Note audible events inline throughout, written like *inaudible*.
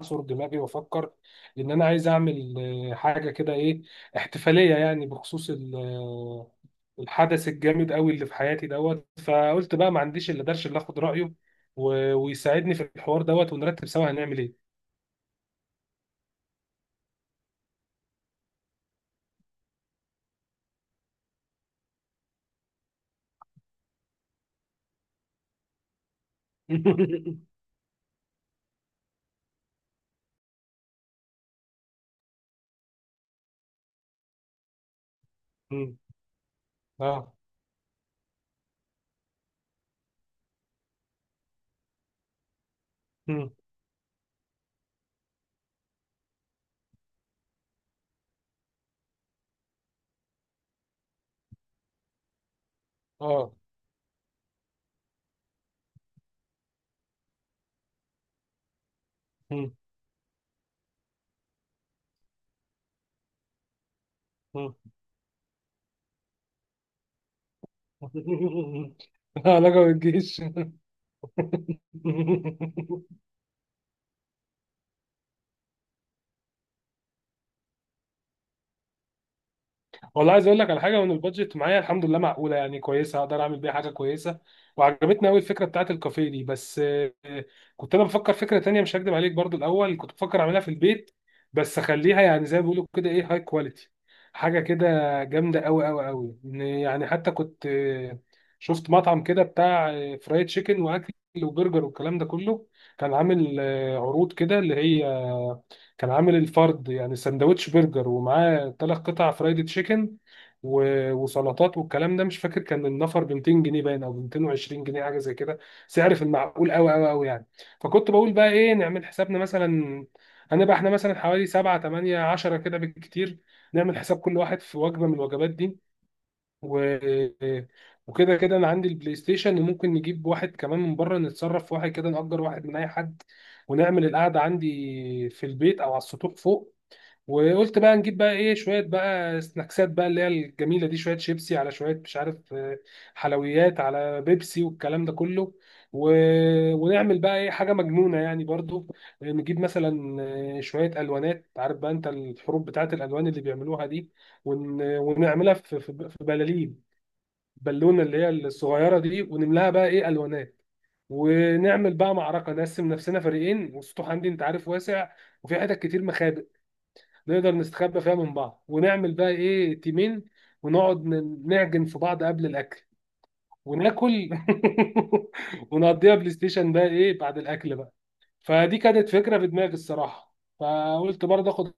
اعصر دماغي وافكر ان انا عايز اعمل، حاجه كده ايه احتفاليه يعني بخصوص الحدث الجامد قوي اللي في حياتي دوت. فقلت بقى ما عنديش الا درش اللي اخد رايه ويساعدني في الحوار دوت ونرتب سوا هنعمل ايه. *laughs* مم. اه. مم. اه. مم. مم. *laughs* علاقه بالجيش. *laughs* والله عايز اقول لك على حاجه، وان البادجت معايا الحمد لله معقوله يعني كويسه، اقدر اعمل بيها حاجه كويسه. وعجبتني قوي الفكره بتاعت الكافيه دي، بس كنت انا بفكر فكره تانية مش هكدب عليك. برضو الاول كنت بفكر اعملها في البيت، بس اخليها يعني زي ما بيقولوا كده ايه هاي كواليتي، حاجه كده جامده قوي قوي قوي يعني. حتى كنت شفت مطعم كده بتاع فرايد تشيكن واكل وبرجر والكلام ده كله. كان عامل عروض كده اللي هي، كان عامل الفرد يعني سندوتش برجر ومعاه 3 قطع فرايد تشيكن وسلطات والكلام ده. مش فاكر كان النفر ب 200 جنيه باين او ب 220 جنيه حاجه زي كده، سعر في المعقول قوي قوي قوي يعني. فكنت بقول بقى ايه، نعمل حسابنا مثلا هنبقى احنا مثلا حوالي 7 8 10 كده بالكتير، نعمل حساب كل واحد في وجبه من الوجبات دي. و... وكده كده انا عندي البلاي ستيشن، وممكن نجيب واحد كمان من بره نتصرف في واحد كده نأجر واحد من اي حد، ونعمل القعده عندي في البيت او على السطوح فوق. وقلت بقى نجيب بقى ايه شويه بقى سناكسات بقى اللي هي الجميله دي، شويه شيبسي على شويه مش عارف حلويات على بيبسي والكلام ده كله. و... ونعمل بقى ايه حاجه مجنونه يعني برضو. نجيب مثلا شويه الوانات، عارف بقى انت الحروب بتاعت الالوان اللي بيعملوها دي، ونعملها في بلالين. بالونه اللي هي الصغيره دي ونملاها بقى ايه الوانات، ونعمل بقى معركه نقسم نفسنا فريقين، والسطوح عندي انت عارف واسع، وفي حتت كتير مخابئ نقدر نستخبى فيها من بعض، ونعمل بقى ايه تيمين. ونقعد نعجن في بعض قبل الاكل وناكل. *laughs* ونقضيها بلاي ستيشن بقى ايه بعد الاكل بقى. فدي كانت فكره في دماغي الصراحه، فقلت برضه اخد.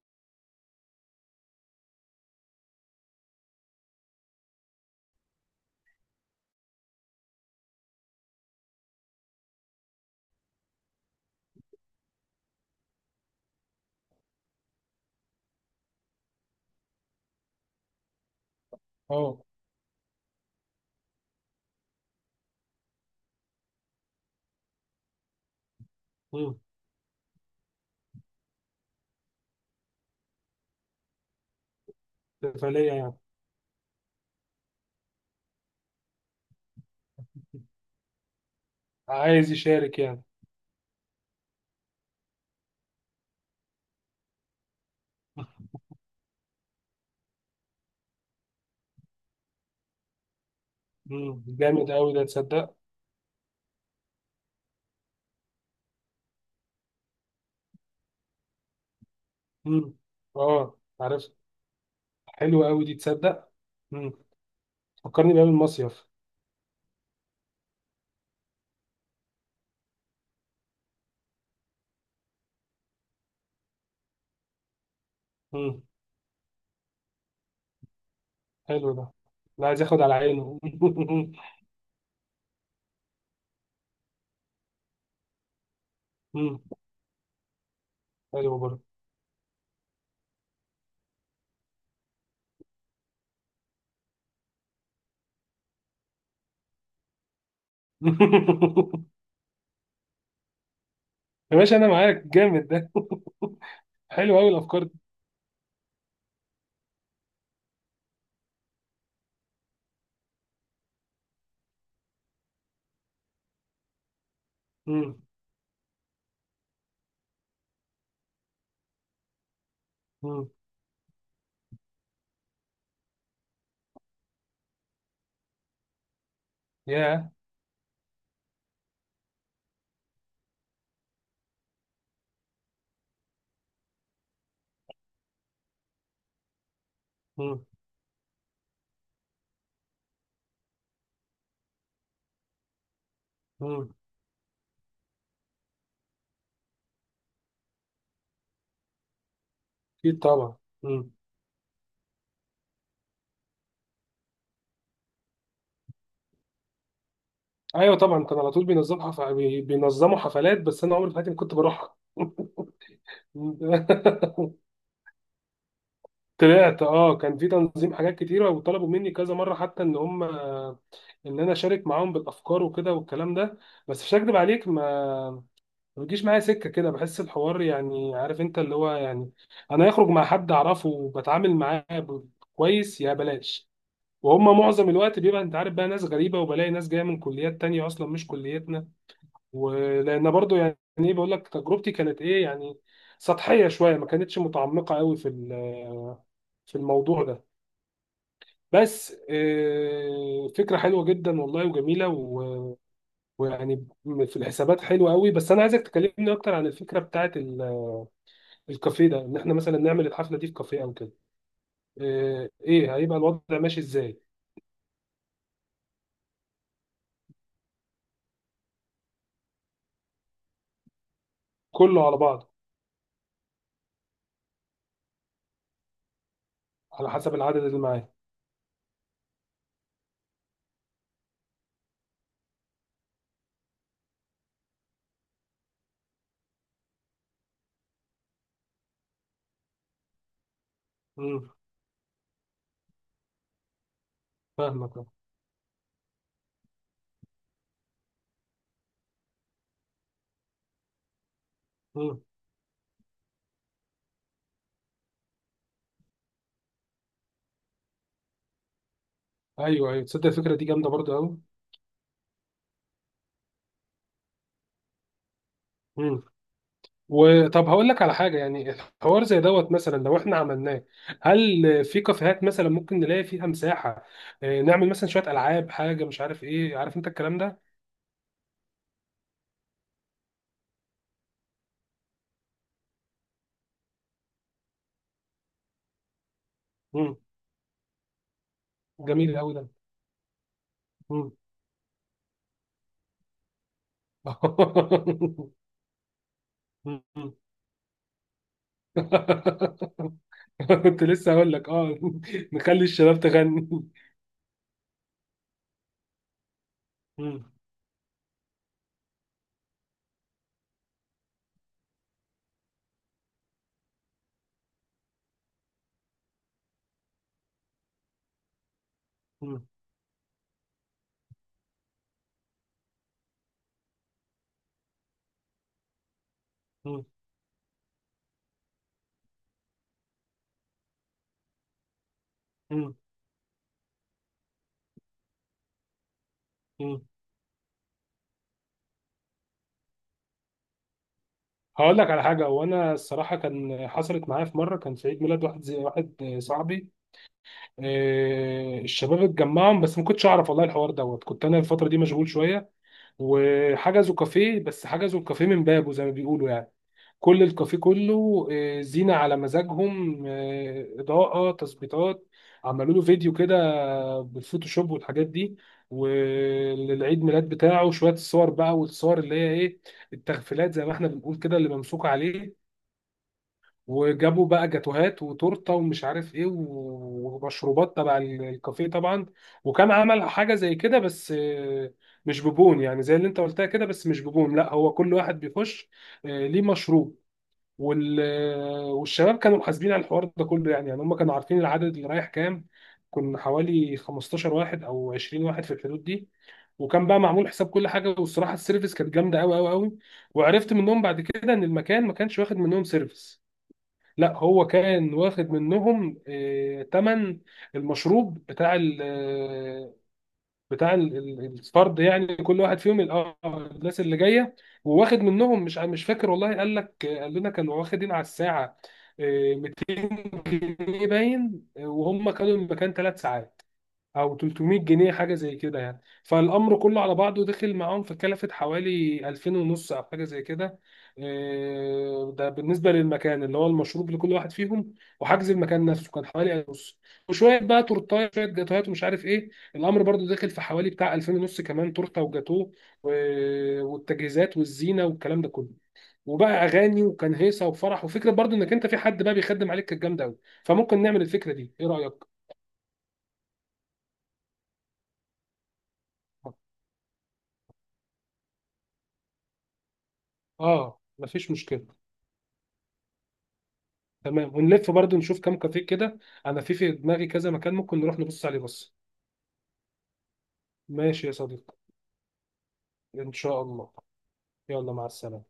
اه. مم. تفعيليه يعني. عايز يشارك يعني. مم. جامد قوي ده تصدق. مم. اه عارف. حلو قوي دي تصدق. مم. فكرني بقى بالمصيف. مم. حلو ده. لا عايز ياخد على عينه. *laughs* مم. حلو برضه. *laughs* يا باشا انا معاك، جامد ده. *laughs* حلو قوي الافكار دي. مم. مم. يا. مم. مم. اكيد طبعا. مم. ايوه طبعا، كان على طول بينظم بينظموا حفلات، بس انا عمري في حياتي ما كنت بروحها. *laughs* طلعت اه، كان في تنظيم حاجات كتيرة، وطلبوا مني كذا مرة حتى ان انا اشارك معاهم بالافكار وكده والكلام ده. بس مش هكدب عليك، ما بيجيش معايا سكة كده. بحس الحوار يعني عارف انت اللي هو يعني، انا اخرج مع حد اعرفه وبتعامل معاه كويس، يا بلاش. وهم معظم الوقت بيبقى انت عارف بقى ناس غريبة، وبلاقي ناس جاية من كليات تانية اصلا مش كليتنا. ولان برضو يعني ايه بقول لك تجربتي كانت ايه يعني سطحية شوية، ما كانتش متعمقة قوي في الموضوع ده. بس فكرة حلوة جدا والله وجميلة، ويعني في الحسابات حلوة قوي. بس أنا عايزك تكلمني أكتر عن الفكرة بتاعة الكافيه ده، إن إحنا مثلا نعمل الحفلة دي في كافيه أو كده. إيه هيبقى الوضع ماشي إزاي؟ كله على بعضه. على حسب العدد اللي معاه. أمم، فاهمك أه. أمم، أيوه أيوه تصدق الفكرة دي جامدة برضه. قوي. وطب هقول لك على حاجه، يعني الحوار زي دوت مثلا لو احنا عملناه، هل في كافيهات مثلا ممكن نلاقي فيها مساحه، نعمل مثلا شويه العاب حاجه مش عارف ايه، عارف انت الكلام ده. مم. جميل قوي ده. مم. *laughs* كنت لسه هقول لك، اه نخلي الشباب تغني. مم. مم. مم. مم. مم. هقول لك على حاجه، وانا الصراحه كان حصلت معايا في مره، كان في عيد ميلاد واحد زي واحد صاحبي، الشباب اتجمعهم بس ما كنتش اعرف والله الحوار دوت، كنت انا الفتره دي مشغول شويه. وحجزوا كافيه، بس حجزوا الكافيه من بابه زي ما بيقولوا يعني، كل الكافيه كله زينه على مزاجهم، اضاءه تظبيطات. عملوا له فيديو كده بالفوتوشوب والحاجات دي، وللعيد ميلاد بتاعه شويه الصور بقى، والصور اللي هي ايه التغفيلات زي ما احنا بنقول كده اللي ممسوكه عليه. وجابوا بقى جاتوهات وتورته ومش عارف ايه ومشروبات تبع الكافيه طبعا. وكان عمل حاجه زي كده بس مش ببون يعني زي اللي انت قلتها كده، بس مش ببون. لا هو كل واحد بيخش ليه مشروب. والشباب كانوا محاسبين على الحوار ده كله يعني. يعني هم كانوا عارفين العدد اللي رايح كام. كنا حوالي 15 واحد او 20 واحد في الحدود دي. وكان بقى معمول حساب كل حاجه، والصراحه السيرفيس كانت جامده قوي قوي قوي. وعرفت منهم بعد كده ان المكان ما كانش واخد منهم سيرفيس، لا هو كان واخد منهم ثمن المشروب بتاع ال- آه، بتاع ال- ال- الفرد، يعني كل واحد فيهم، الناس اللي جايه. وواخد منهم، مش فاكر والله، قال لنا كانوا واخدين على الساعه 200 جنيه باين، وهم كانوا المكان 3 ساعات او 300 جنيه حاجه زي كده يعني. فالامر كله على بعضه دخل معاهم فكلفت حوالي 2000 ونص او حاجه زي كده. إيه، ده بالنسبه للمكان اللي هو المشروب لكل واحد فيهم. وحجز المكان نفسه كان حوالي 1000 ونص. وشويه بقى تورتايه شويه جاتوهات ومش عارف ايه، الامر برضو دخل في حوالي بتاع 2000 ونص كمان تورته وجاتوه، والتجهيزات والزينه والكلام ده كله. وبقى اغاني وكان هيصه وفرح، وفكره برضو انك انت في حد بقى بيخدم عليك كانت جامده قوي. فممكن نعمل الفكره دي، ايه رايك؟ اه مفيش مشكله. تمام ونلف برضو نشوف كام كافيه كده. انا في دماغي كذا مكان ممكن نروح نبص عليه بص. ماشي يا صديقي. ان شاء الله. يلا مع السلامة.